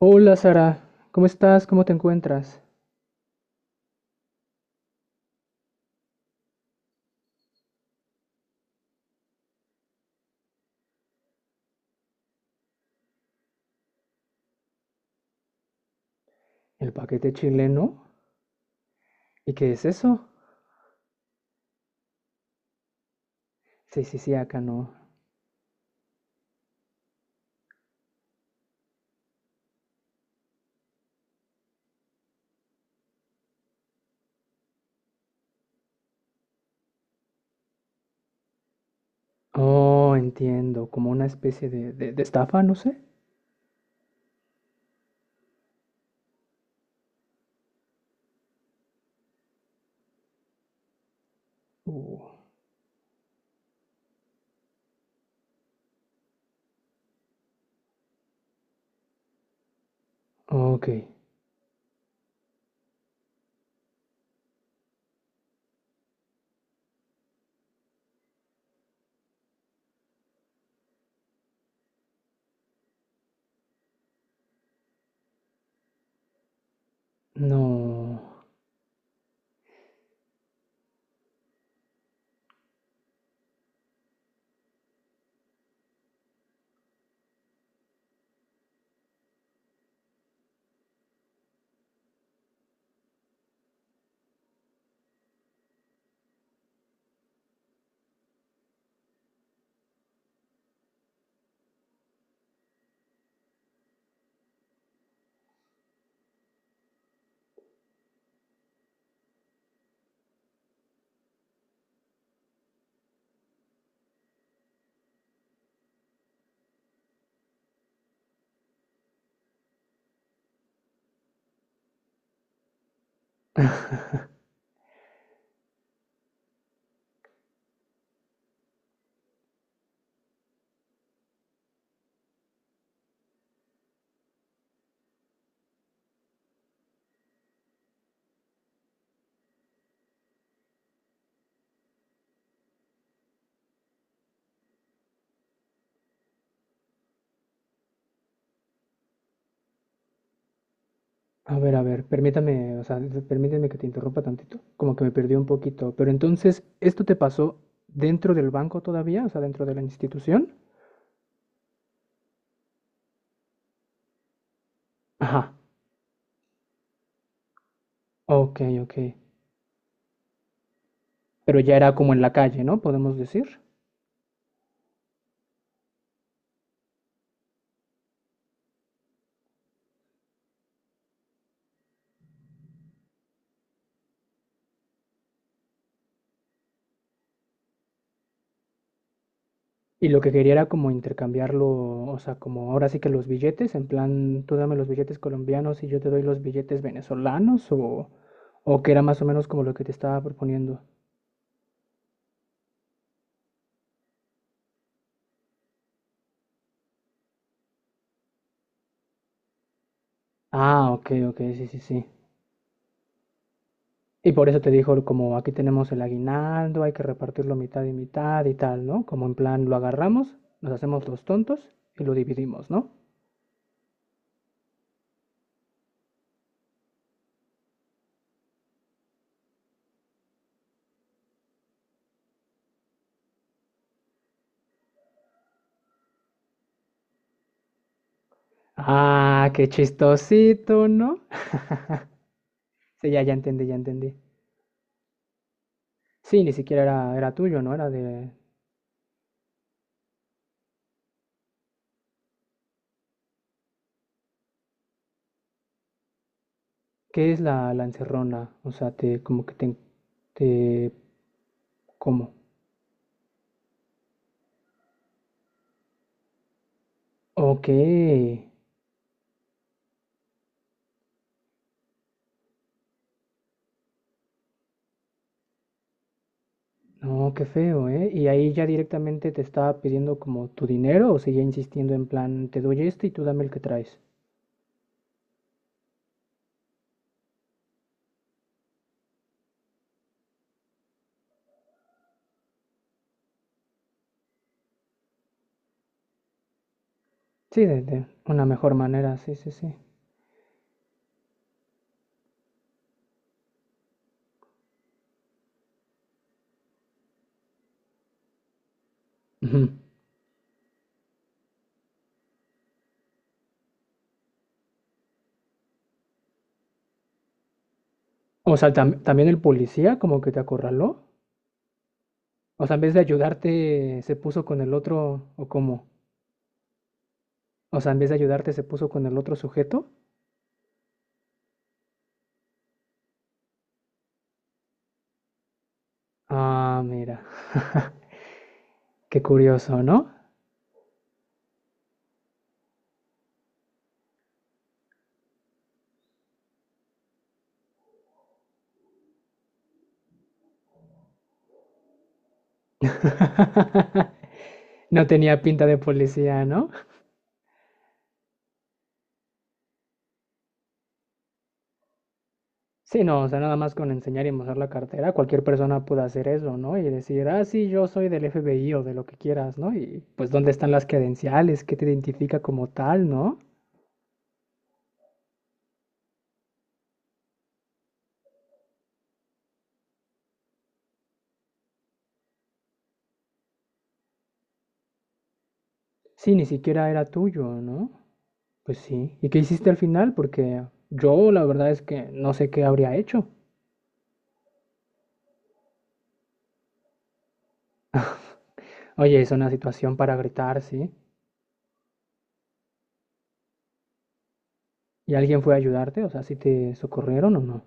Hola Sara, ¿cómo estás? ¿Cómo te encuentras? ¿El paquete chileno? ¿Y qué es eso? Sí, sí, sí, acá no. Oh, entiendo, como una especie de, de estafa, no sé. Uh, ok, no. A ver, permítame, o sea, permíteme que te interrumpa tantito. Como que me perdí un poquito. Pero entonces, ¿esto te pasó dentro del banco todavía? O sea, dentro de la institución. Ajá, ok, ok. Pero ya era como en la calle, ¿no? Podemos decir. Y lo que quería era como intercambiarlo, o sea, como ahora sí que los billetes, en plan, tú dame los billetes colombianos y yo te doy los billetes venezolanos, o que era más o menos como lo que te estaba proponiendo. Ah, ok, ok, sí, sí, sí. Y por eso te dijo, como aquí tenemos el aguinaldo, hay que repartirlo mitad y mitad y tal, ¿no? Como en plan, lo agarramos, nos hacemos los tontos y lo dividimos, ¿no? Ah, qué chistosito, ¿no? Sí, ya, ya entendí, ya entendí. Sí, ni siquiera era, era tuyo, ¿no? Era de, ¿qué es la encerrona? O sea, te como que te ¿cómo? Ok. No, qué feo, ¿eh? Y ahí ya directamente te estaba pidiendo como tu dinero o seguía insistiendo en plan, te doy este y tú dame el que traes. Sí, de una mejor manera, sí, sí, sí. Ujú. O sea, tam- también el policía como que te acorraló. O sea, en vez de ayudarte, se puso con el otro, ¿o cómo? O sea, en vez de ayudarte, se puso con el otro sujeto. Ah, mira. Qué curioso, ¿no? No tenía pinta de policía, ¿no? Sí, no, o sea, nada más con enseñar y mostrar la cartera, cualquier persona puede hacer eso, ¿no? Y decir, ah, sí, yo soy del FBI o de lo que quieras, ¿no? Y pues, ¿dónde están las credenciales? ¿Qué te identifica como tal, no? Sí, ni siquiera era tuyo, ¿no? Pues sí. ¿Y qué hiciste al final? Porque yo la verdad es que no sé qué habría hecho. Oye, es una situación para gritar, ¿sí? ¿Y alguien fue a ayudarte? O sea, ¿sí te socorrieron o no?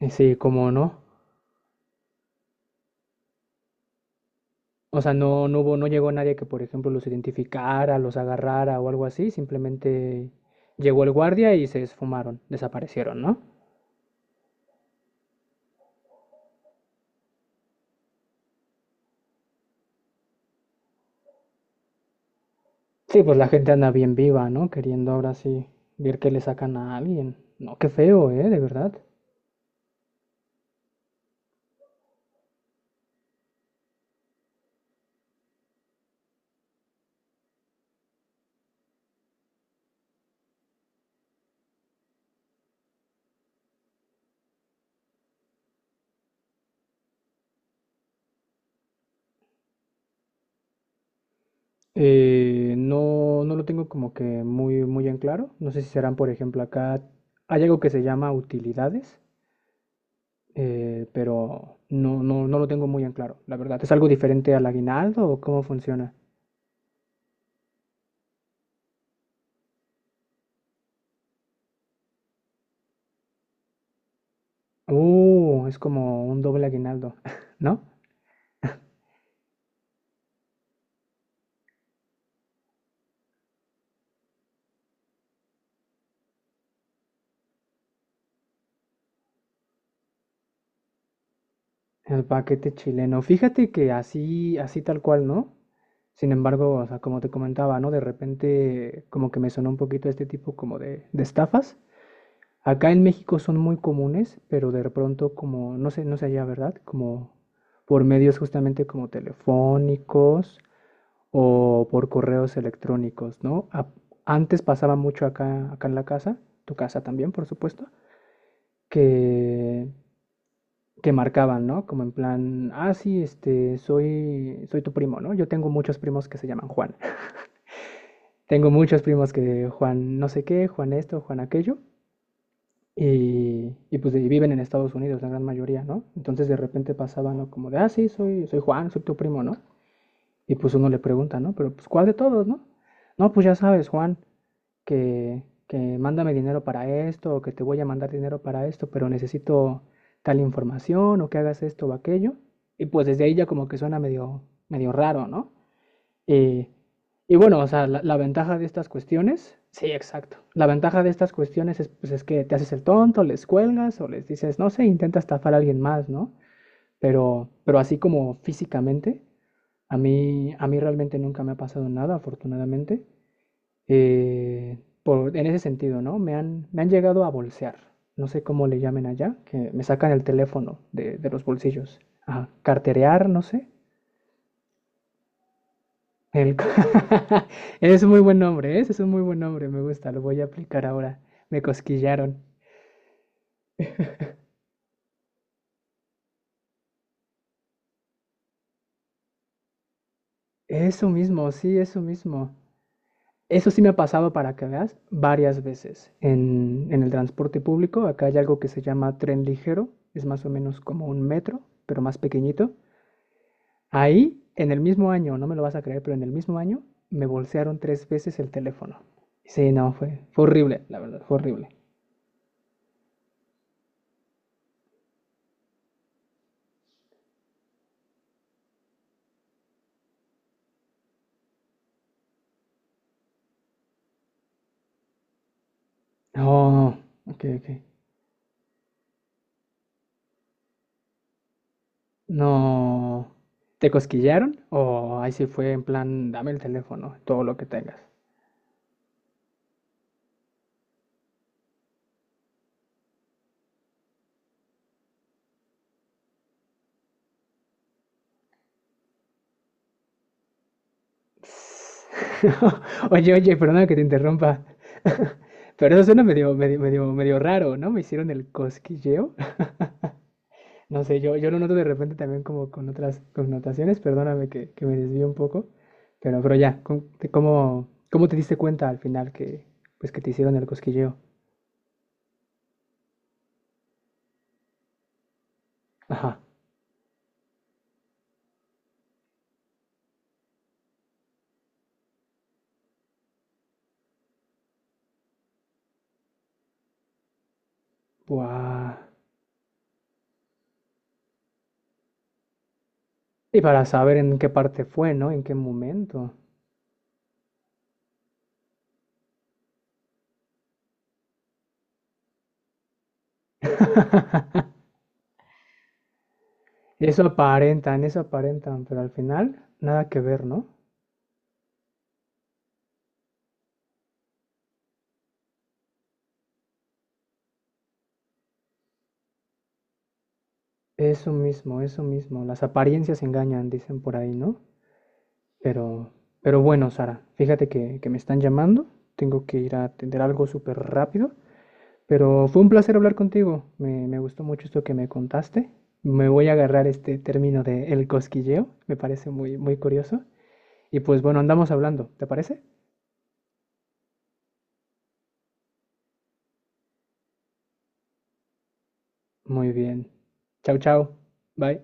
Sí, cómo no. O sea, no, no hubo, no llegó nadie que, por ejemplo, los identificara, los agarrara o algo así. Simplemente llegó el guardia y se esfumaron, desaparecieron, ¿no? Sí, pues la gente anda bien viva, ¿no? Queriendo ahora sí ver que le sacan a alguien. No, qué feo, ¿eh? De verdad. No, no lo tengo como que muy, muy en claro. No sé si serán, por ejemplo, acá hay algo que se llama utilidades, pero no, no, no lo tengo muy en claro, la verdad. ¿Es algo diferente al aguinaldo o cómo funciona? Es como un doble aguinaldo, ¿no? El paquete chileno. Fíjate que así, así tal cual, ¿no? Sin embargo, o sea, como te comentaba, ¿no? De repente como que me sonó un poquito este tipo como de estafas. Acá en México son muy comunes, pero de pronto como, no sé, no sé allá, ¿verdad? Como por medios justamente como telefónicos o por correos electrónicos, ¿no? A- antes pasaba mucho acá, acá en la casa, tu casa también, por supuesto, que que marcaban, ¿no? Como en plan, ah, sí, este, soy, soy tu primo, ¿no? Yo tengo muchos primos que se llaman Juan. Tengo muchos primos que Juan no sé qué, Juan esto, Juan aquello. Y pues y viven en Estados Unidos, la gran mayoría, ¿no? Entonces de repente pasaban, ¿no? Como de, ah, sí, soy, soy Juan, soy tu primo, ¿no? Y pues uno le pregunta, ¿no? Pero pues ¿cuál de todos, no? No, pues ya sabes, Juan, que, que mándame dinero para esto, o que te voy a mandar dinero para esto, pero necesito tal información, o que hagas esto o aquello. Y pues desde ahí ya como que suena medio, medio raro, ¿no? Y, y bueno, o sea, la ventaja de estas cuestiones, sí, exacto. La ventaja de estas cuestiones es, pues, es que te haces el tonto, les cuelgas o les dices, no sé, intenta estafar a alguien más, ¿no? Pero así como físicamente, a mí realmente nunca me ha pasado nada, afortunadamente. Eh, por- en ese sentido, ¿no? Me han llegado a bolsear. No sé cómo le llamen allá, que me sacan el teléfono de los bolsillos. Ajá, carterear, no sé. El... es un muy buen nombre, ¿eh? Ese es un muy buen nombre, me gusta, lo voy a aplicar ahora. Me cosquillaron. Eso mismo, sí, eso mismo. Eso sí me ha pasado para que veas varias veces en el transporte público. Acá hay algo que se llama tren ligero, es más o menos como un metro, pero más pequeñito. Ahí, en el mismo año, no me lo vas a creer, pero en el mismo año me bolsearon 3 veces el teléfono. Sí, no, fue, fue horrible, la verdad, fue horrible. No, ok, ok. No. ¿Te cosquillaron? O ahí sí fue en plan, dame el teléfono, todo lo que tengas. Oye, oye, perdona que te interrumpa. Pero eso suena medio, medio, medio, medio raro, ¿no? Me hicieron el cosquilleo. No sé, yo lo noto de repente también como con otras connotaciones. Perdóname que me desvío un poco. Pero ya, ¿cómo, te- cómo, cómo te diste cuenta al final que, pues, que te hicieron el cosquilleo? Ajá. Buah. Y para saber en qué parte fue, ¿no? En qué momento. Eso aparentan, pero al final nada que ver, ¿no? Eso mismo, eso mismo. Las apariencias engañan, dicen por ahí, ¿no? Pero, pero bueno, Sara, fíjate que me están llamando. Tengo que ir a atender algo súper rápido. Pero fue un placer hablar contigo. Me gustó mucho esto que me contaste. Me voy a agarrar este término de el cosquilleo. Me parece muy, muy curioso. Y pues bueno, andamos hablando. ¿Te parece? Muy bien. Chao, chao. Bye.